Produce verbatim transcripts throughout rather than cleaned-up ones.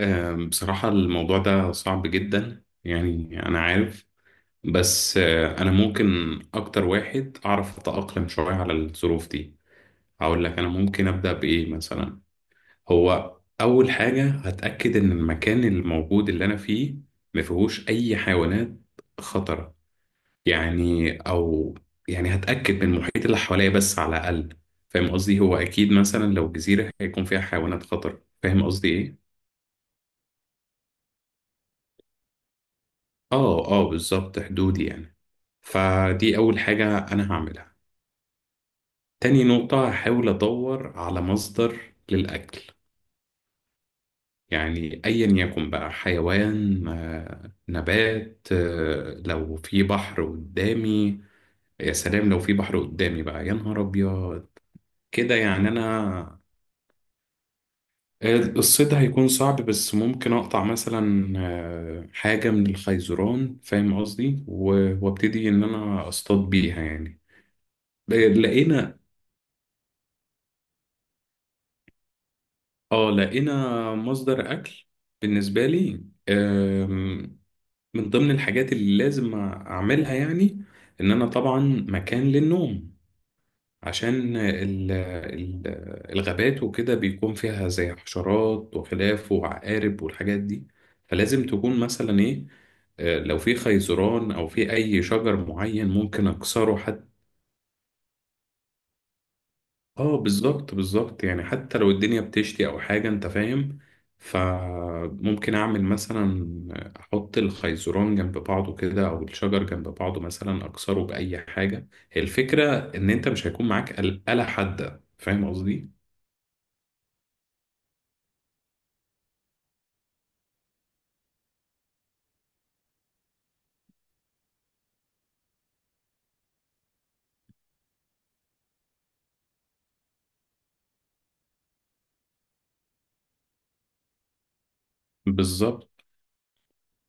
آم، بصراحة الموضوع ده صعب جدا يعني أنا عارف. بس آه، أنا ممكن أكتر واحد أعرف أتأقلم شوية على الظروف دي. هقول لك أنا ممكن أبدأ بإيه مثلا. هو أول حاجة هتأكد إن المكان الموجود اللي أنا فيه ما فيهوش أي حيوانات خطرة يعني، أو يعني هتأكد من المحيط اللي حواليا بس على الأقل. فاهم قصدي؟ هو أكيد مثلا لو جزيرة هيكون فيها حيوانات خطر. فاهم قصدي إيه؟ آه آه، بالظبط، حدودي يعني. فدي أول حاجة أنا هعملها. تاني نقطة هحاول أدور على مصدر للأكل، يعني أيا يكن بقى حيوان، آه، نبات، آه، لو في بحر قدامي. يا سلام لو في بحر قدامي بقى، يا نهار أبيض، كده يعني أنا. آه، الصيد هيكون صعب، بس ممكن أقطع مثلا آه، حاجة من الخيزران، فاهم قصدي؟ و- وابتدي إن أنا أصطاد بيها يعني. لقينا، اه لقينا مصدر اكل بالنسبه لي. آم، من ضمن الحاجات اللي لازم اعملها يعني ان انا طبعا مكان للنوم، عشان ال- ال- الغابات وكده بيكون فيها زي حشرات وخلاف وعقارب والحاجات دي. فلازم تكون مثلا ايه، آه، لو في خيزران او في اي شجر معين ممكن اكسره. اه بالظبط بالظبط، يعني حتى لو الدنيا بتشتي او حاجة، انت فاهم. فممكن اعمل مثلا، احط الخيزران جنب بعضه كده او الشجر جنب بعضه، مثلا اكسره باي حاجة. هي الفكرة ان انت مش هيكون معاك آل- آلة حادة، فاهم قصدي؟ بالظبط،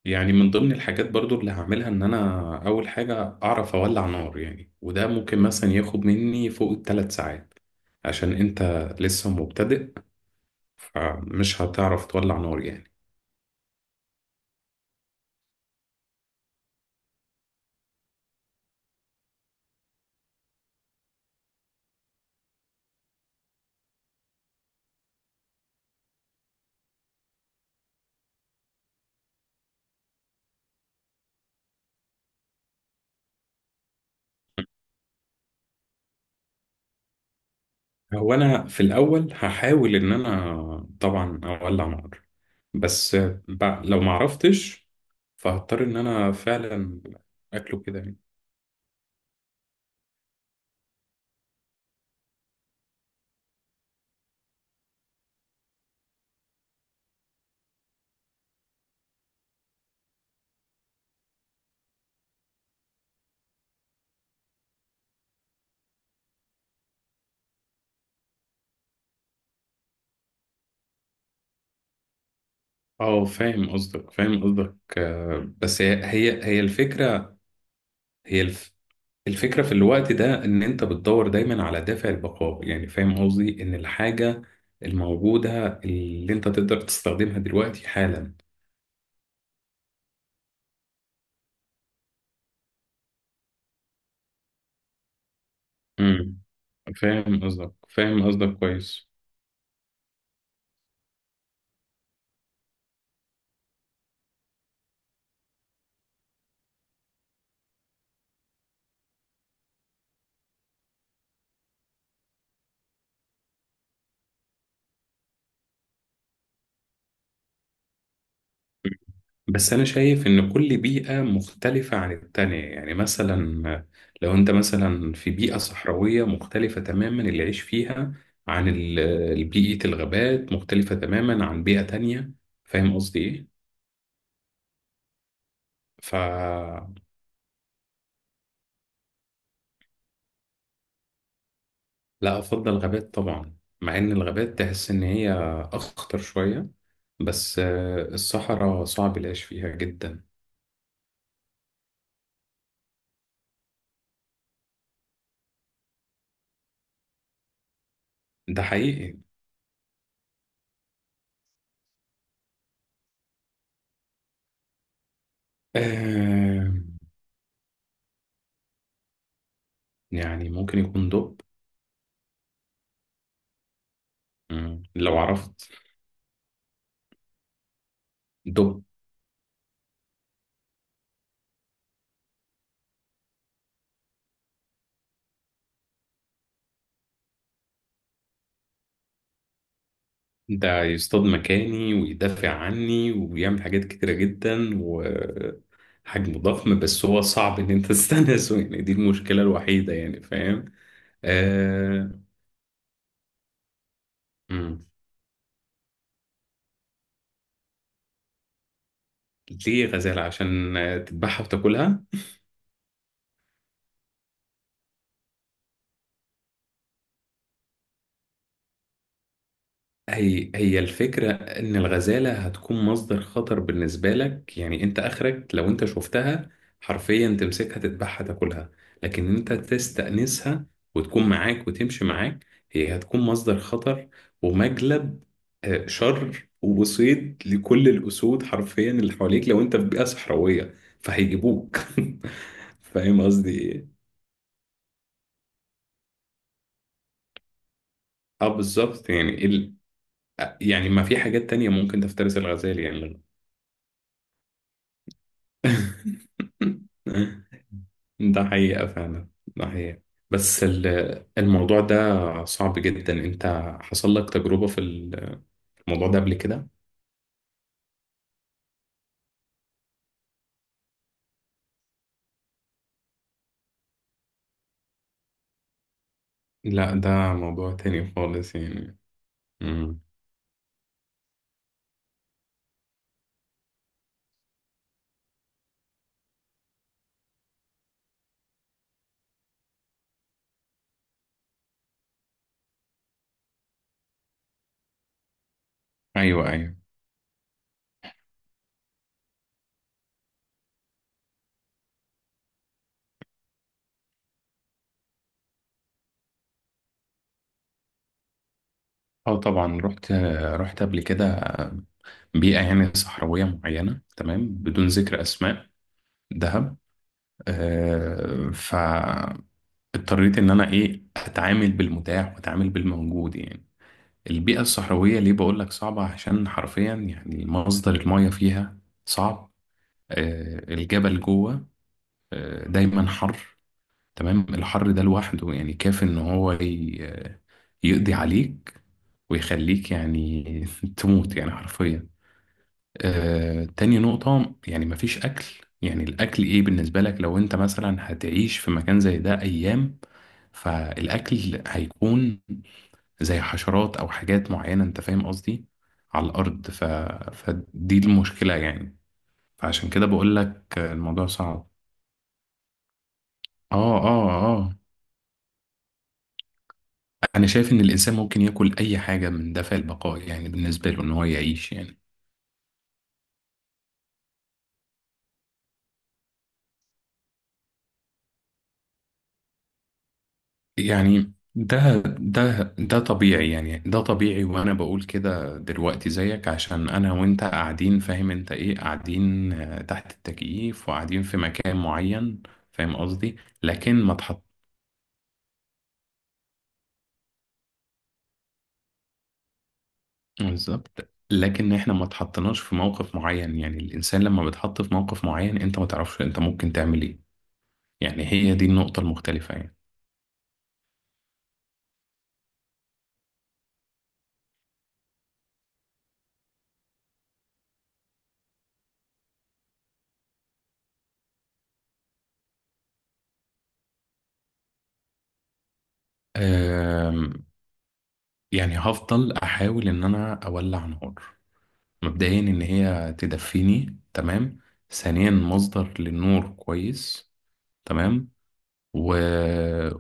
يعني من ضمن الحاجات برضو اللي هعملها ان انا اول حاجة اعرف اولع نار يعني. وده ممكن مثلا ياخد مني فوق التلات ساعات عشان انت لسه مبتدئ، فمش هتعرف تولع نار يعني. هو انا في الاول هحاول ان انا طبعا اولع نار، بس ب- لو ما عرفتش فهضطر ان انا فعلا اكله كده يعني. اه فاهم قصدك فاهم قصدك. آه، بس هي هي هي الفكره. هي الف الفكره في الوقت ده ان انت بتدور دايما على دافع البقاء، يعني فاهم قصدي ان الحاجه الموجوده اللي انت تقدر تستخدمها دلوقتي حالا. امم فاهم قصدك فاهم قصدك كويس. بس أنا شايف إن كل بيئة مختلفة عن التانية، يعني مثلا لو أنت مثلا في بيئة صحراوية مختلفة تماما اللي يعيش فيها، عن ال- بيئة الغابات، مختلفة تماما عن بيئة تانية. فاهم قصدي إيه؟ فلا، أفضل غابات طبعا. مع إن الغابات تحس إن هي أخطر شوية، بس آه، الصحراء صعب العيش فيها جدا. ده حقيقي. آه، يعني ممكن يكون دب. مم، لو عرفت دب، ده يصطاد مكاني ويدافع عني وبيعمل حاجات كتيرة جدا، وحجمه ضخم. بس هو صعب ان انت تستنسه يعني، دي المشكلة الوحيدة يعني، فاهم؟ آه... مم. ليه غزالة؟ عشان تذبحها وتاكلها. هي هي الفكرة إن الغزالة هتكون مصدر خطر بالنسبة لك، يعني أنت آخرك لو أنت شفتها حرفيا تمسكها تذبحها تاكلها. لكن أنت تستأنسها وتكون معاك وتمشي معاك، هي هتكون مصدر خطر ومجلب آه، شر، وصيد لكل الأسود حرفيا اللي حواليك لو أنت في بيئة صحراوية، فهيجيبوك. فاهم قصدي إيه؟ أه بالظبط يعني ال... آه، يعني ما في حاجات تانية ممكن تفترس الغزال يعني. ده حقيقة فعلا، ده حقيقة. بس ال- الموضوع ده صعب جدا. انت حصل لك تجربة في الموضوع ده قبل كده؟ لا، ده موضوع تاني خالص يعني. مم. ايوه ايوه. اه طبعا، رحت رحت قبل كده بيئة يعني صحراوية معينة، تمام، بدون ذكر اسماء، دهب. آه، فاضطريت ان انا ايه اتعامل بالمتاح واتعامل بالموجود يعني. البيئة الصحراوية ليه بقول لك صعبة؟ عشان حرفيا يعني مصدر المياه فيها صعب، آه، الجبل جوه، آه، دايما حر. تمام، الحر ده لوحده يعني كافي ان هو ي- آه، يقضي عليك ويخليك يعني تموت يعني حرفيا. آه، تاني نقطة يعني مفيش أكل. يعني الأكل إيه بالنسبة لك لو أنت مثلا هتعيش في مكان زي ده أيام؟ فالأكل هيكون زي حشرات او حاجات معينه، انت فاهم قصدي؟ على الارض ف... فدي المشكله يعني، فعشان كده بقول لك الموضوع صعب. اه اه اه، انا شايف ان الانسان ممكن ياكل اي حاجه من دافع البقاء يعني بالنسبه له ان هو يعيش يعني. يعني ده ده ده طبيعي يعني، ده طبيعي. وانا بقول كده دلوقتي زيك عشان انا وانت قاعدين، فاهم انت ايه، قاعدين آه، تحت التكييف وقاعدين في مكان معين، فاهم قصدي؟ لكن ما تحط. بالظبط، لكن احنا ما اتحطناش في موقف معين يعني. الانسان لما بيتحط في موقف معين انت ما تعرفش انت ممكن تعمل ايه. يعني هي دي النقطة المختلفة يعني. أم، يعني هفضل احاول ان انا اولع نار. مبدئيا ان هي تدفيني، تمام. ثانيا مصدر للنور كويس، تمام. و...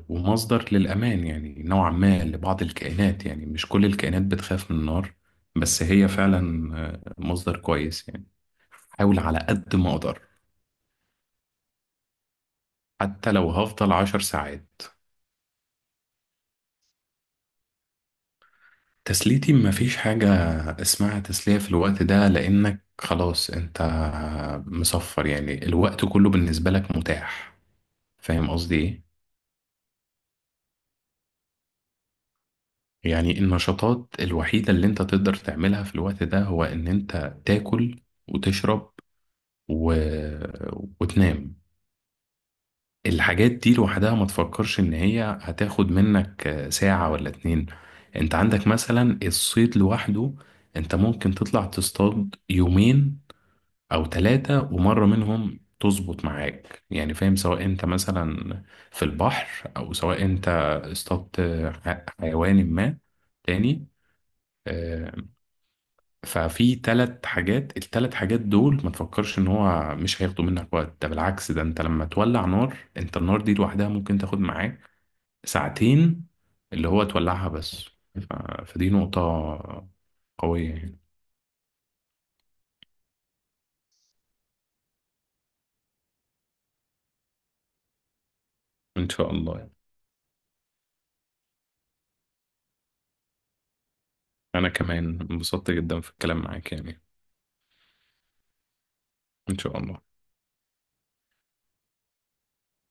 ومصدر للامان يعني نوعا ما لبعض الكائنات، يعني مش كل الكائنات بتخاف من النار، بس هي فعلا آه، مصدر كويس يعني. احاول على قد ما اقدر، حتى لو هفضل عشر ساعات. تسليتي مفيش حاجة اسمها تسلية في الوقت ده، لانك خلاص انت مصفر، يعني الوقت كله بالنسبة لك متاح، فاهم قصدي ايه؟ يعني النشاطات الوحيدة اللي انت تقدر تعملها في الوقت ده هو ان انت تاكل وتشرب و... وتنام. الحاجات دي لوحدها ما تفكرش ان هي هتاخد منك آه، ساعة ولا اتنين. انت عندك مثلا الصيد لوحده، انت ممكن تطلع تصطاد يومين او ثلاثة ومرة منهم تظبط معاك يعني، فاهم، سواء انت مثلا في البحر او سواء انت اصطادت ح- حيوان ما تاني. آه، ففي ثلاث حاجات، الثلاث حاجات دول ما تفكرش ان هو مش هياخدوا منك وقت. ده بالعكس، ده انت لما تولع نار، انت النار دي لوحدها ممكن تاخد معاك ساعتين اللي هو تولعها بس. ف... فدي نقطة قوية يعني. إن شاء الله يعني. أنا كمان انبسطت جدا في الكلام معاك يعني. إن شاء الله.